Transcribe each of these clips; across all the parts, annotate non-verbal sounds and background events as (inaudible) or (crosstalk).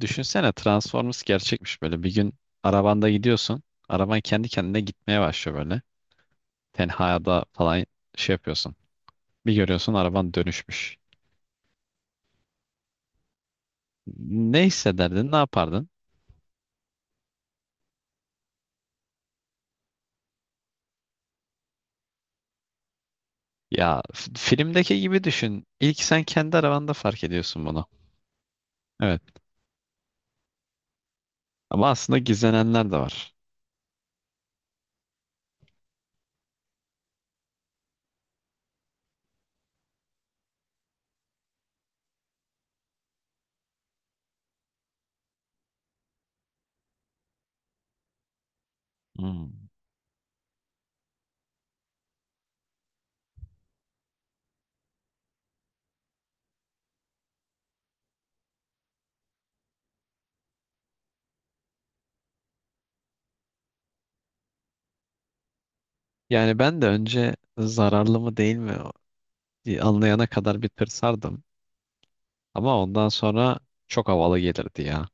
Düşünsene Transformers gerçekmiş böyle. Bir gün arabanda gidiyorsun. Araban kendi kendine gitmeye başlıyor böyle. Tenhada falan şey yapıyorsun. Bir görüyorsun araban dönüşmüş. Ne hissederdin, ne yapardın? Ya filmdeki gibi düşün. İlk sen kendi arabanda fark ediyorsun bunu. Evet. Ama aslında gizlenenler de var. Hmm. Yani ben de önce zararlı mı değil mi diye anlayana kadar bir tırsardım. Ama ondan sonra çok havalı gelirdi ya.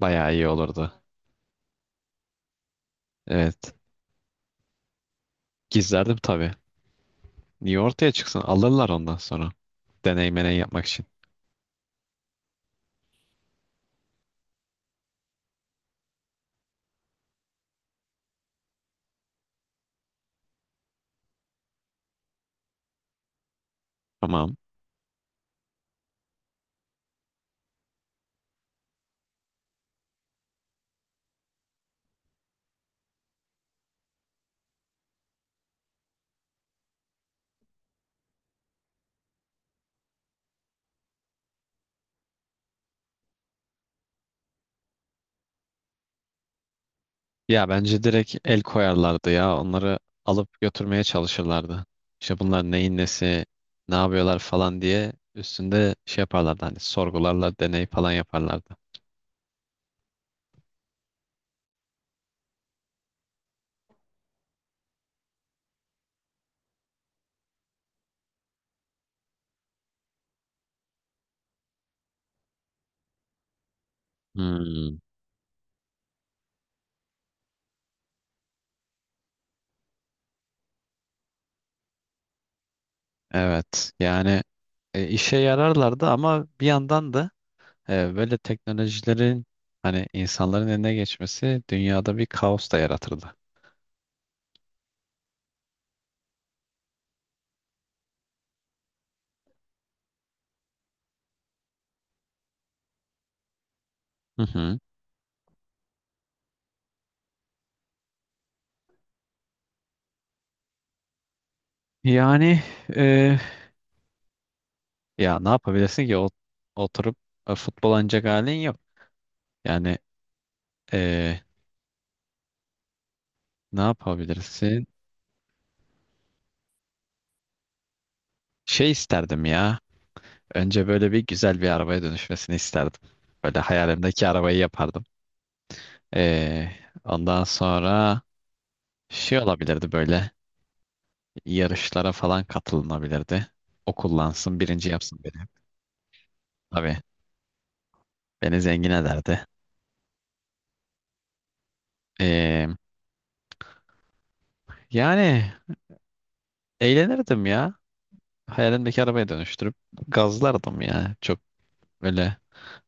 Bayağı iyi olurdu. Evet. Gizlerdim tabii. Niye ortaya çıksın? Alırlar ondan sonra. Deney meney yapmak için. Tamam. Ya bence direkt el koyarlardı ya. Onları alıp götürmeye çalışırlardı. İşte bunlar neyin nesi, ne yapıyorlar falan diye üstünde şey yaparlardı. Hani sorgularla deney falan yaparlardı. Hmm. Evet. Yani işe yararlardı ama bir yandan da böyle teknolojilerin hani insanların eline geçmesi dünyada bir kaos da yaratırdı. Hı hı. Yani e, ya ne yapabilirsin ki oturup futbol oynayacak halin yok. Yani e, ne yapabilirsin? Şey isterdim ya. Önce böyle bir güzel bir arabaya dönüşmesini isterdim. Böyle hayalimdeki arabayı yapardım. Ee, ondan sonra şey olabilirdi böyle yarışlara falan katılınabilirdi. O kullansın birinci yapsın beni. Tabii beni zengin ederdi. Ee, yani eğlenirdim ya. Hayalimdeki arabaya dönüştürüp gazlardım ya. Çok öyle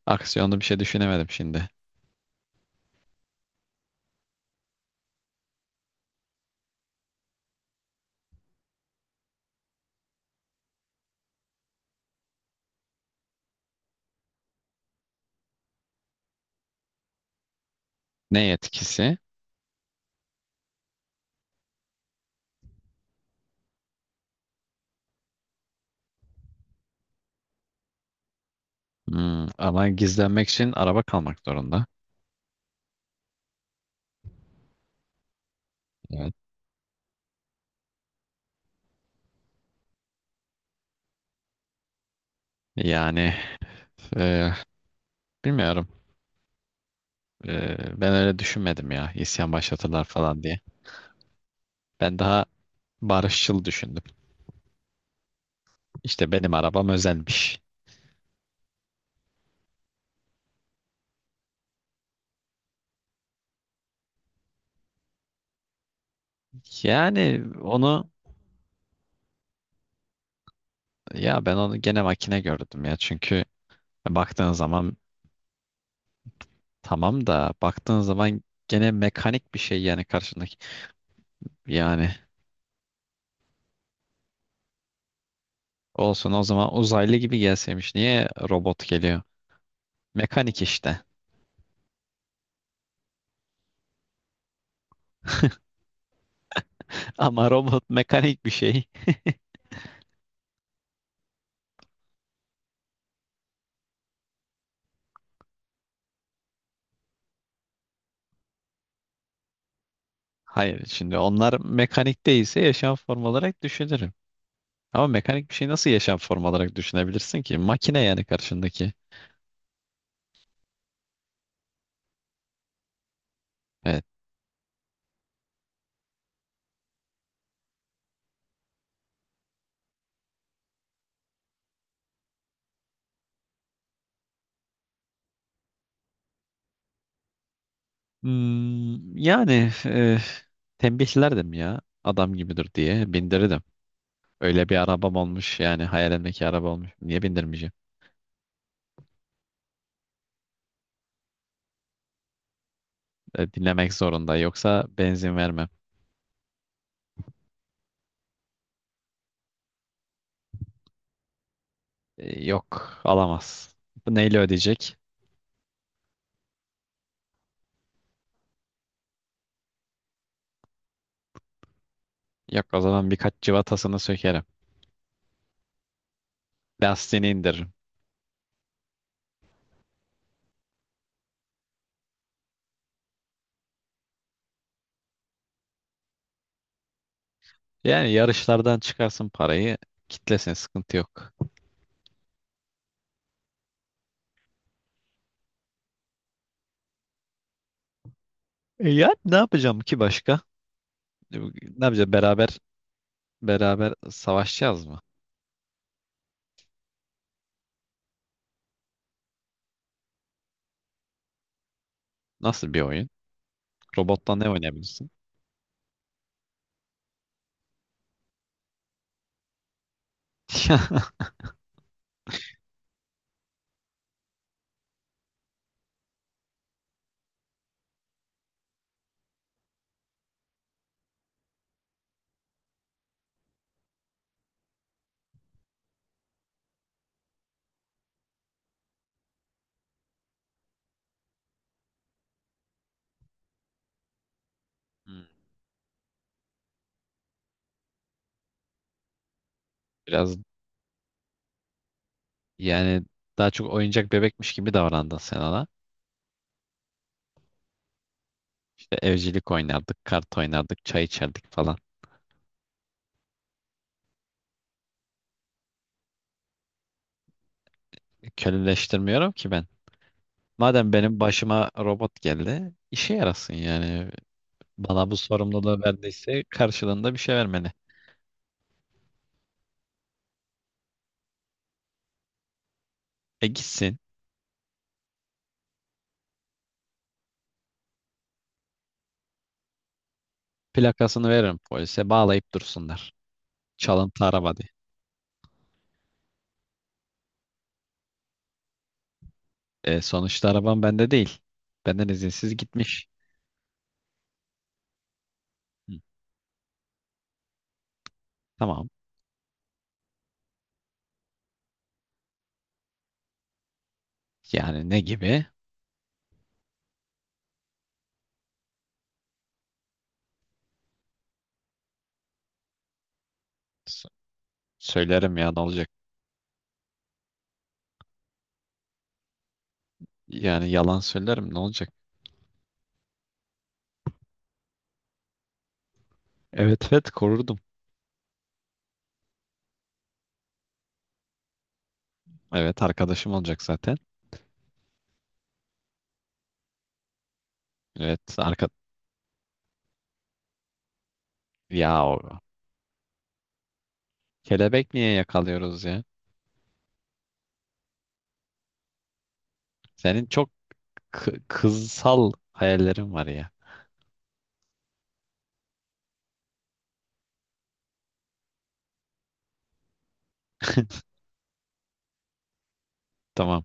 aksiyonlu bir şey düşünemedim şimdi. Ne etkisi? Hmm, ama gizlenmek için araba kalmak zorunda. Evet. Yani e, bilmiyorum. Ben öyle düşünmedim ya. İsyan başlatırlar falan diye. Ben daha barışçıl düşündüm. İşte benim arabam özelmiş. Yani onu ya ben onu gene makine gördüm ya. Çünkü baktığın zaman tamam da baktığın zaman gene mekanik bir şey yani karşındaki. Yani olsun o zaman uzaylı gibi gelseymiş. Niye robot geliyor? Mekanik işte. (laughs) Ama robot mekanik bir şey. Hayır şimdi onlar mekanik değilse yaşam formu olarak düşünürüm. Ama mekanik bir şey nasıl yaşam formu olarak düşünebilirsin ki? Makine yani karşındaki. E, Hmm, yani e, Tembihlerdim ya adam gibidir diye bindirirdim. Öyle bir arabam olmuş yani hayalimdeki araba olmuş. Niye bindirmeyeceğim? Dinlemek zorunda yoksa benzin vermem. Yok alamaz. Bu neyle ödeyecek? Yok o zaman birkaç cıvatasını sökerim. Lastiğini indiririm. Yani yarışlardan çıkarsın parayı kitlesin sıkıntı yok. Yani ne yapacağım ki başka? E, Ne yapacağız beraber savaşacağız mı? Nasıl bir oyun? Robotla ne oynayabilirsin? (laughs) Hmm. Biraz yani daha çok oyuncak bebekmiş gibi davrandın sen ona. İşte evcilik oynardık, kart oynardık, çay içerdik falan. Köleleştirmiyorum ki ben. Madem benim başıma robot geldi, işe yarasın yani. Bana bu sorumluluğu verdiyse karşılığında bir şey vermeli. E gitsin, plakasını veririm polise, bağlayıp dursunlar. Çalıntı araba diye. Sonuçta arabam bende değil. Benden izinsiz gitmiş. Hı, tamam. Yani ne gibi? S- Söylerim ya ne olacak? Yani yalan söylerim ne olacak? Evet, evet korurdum. Evet arkadaşım olacak zaten. Evet arka... Ya o... Kelebek niye yakalıyoruz ya? Senin çok kızsal hayallerin var ya. (laughs) Tamam.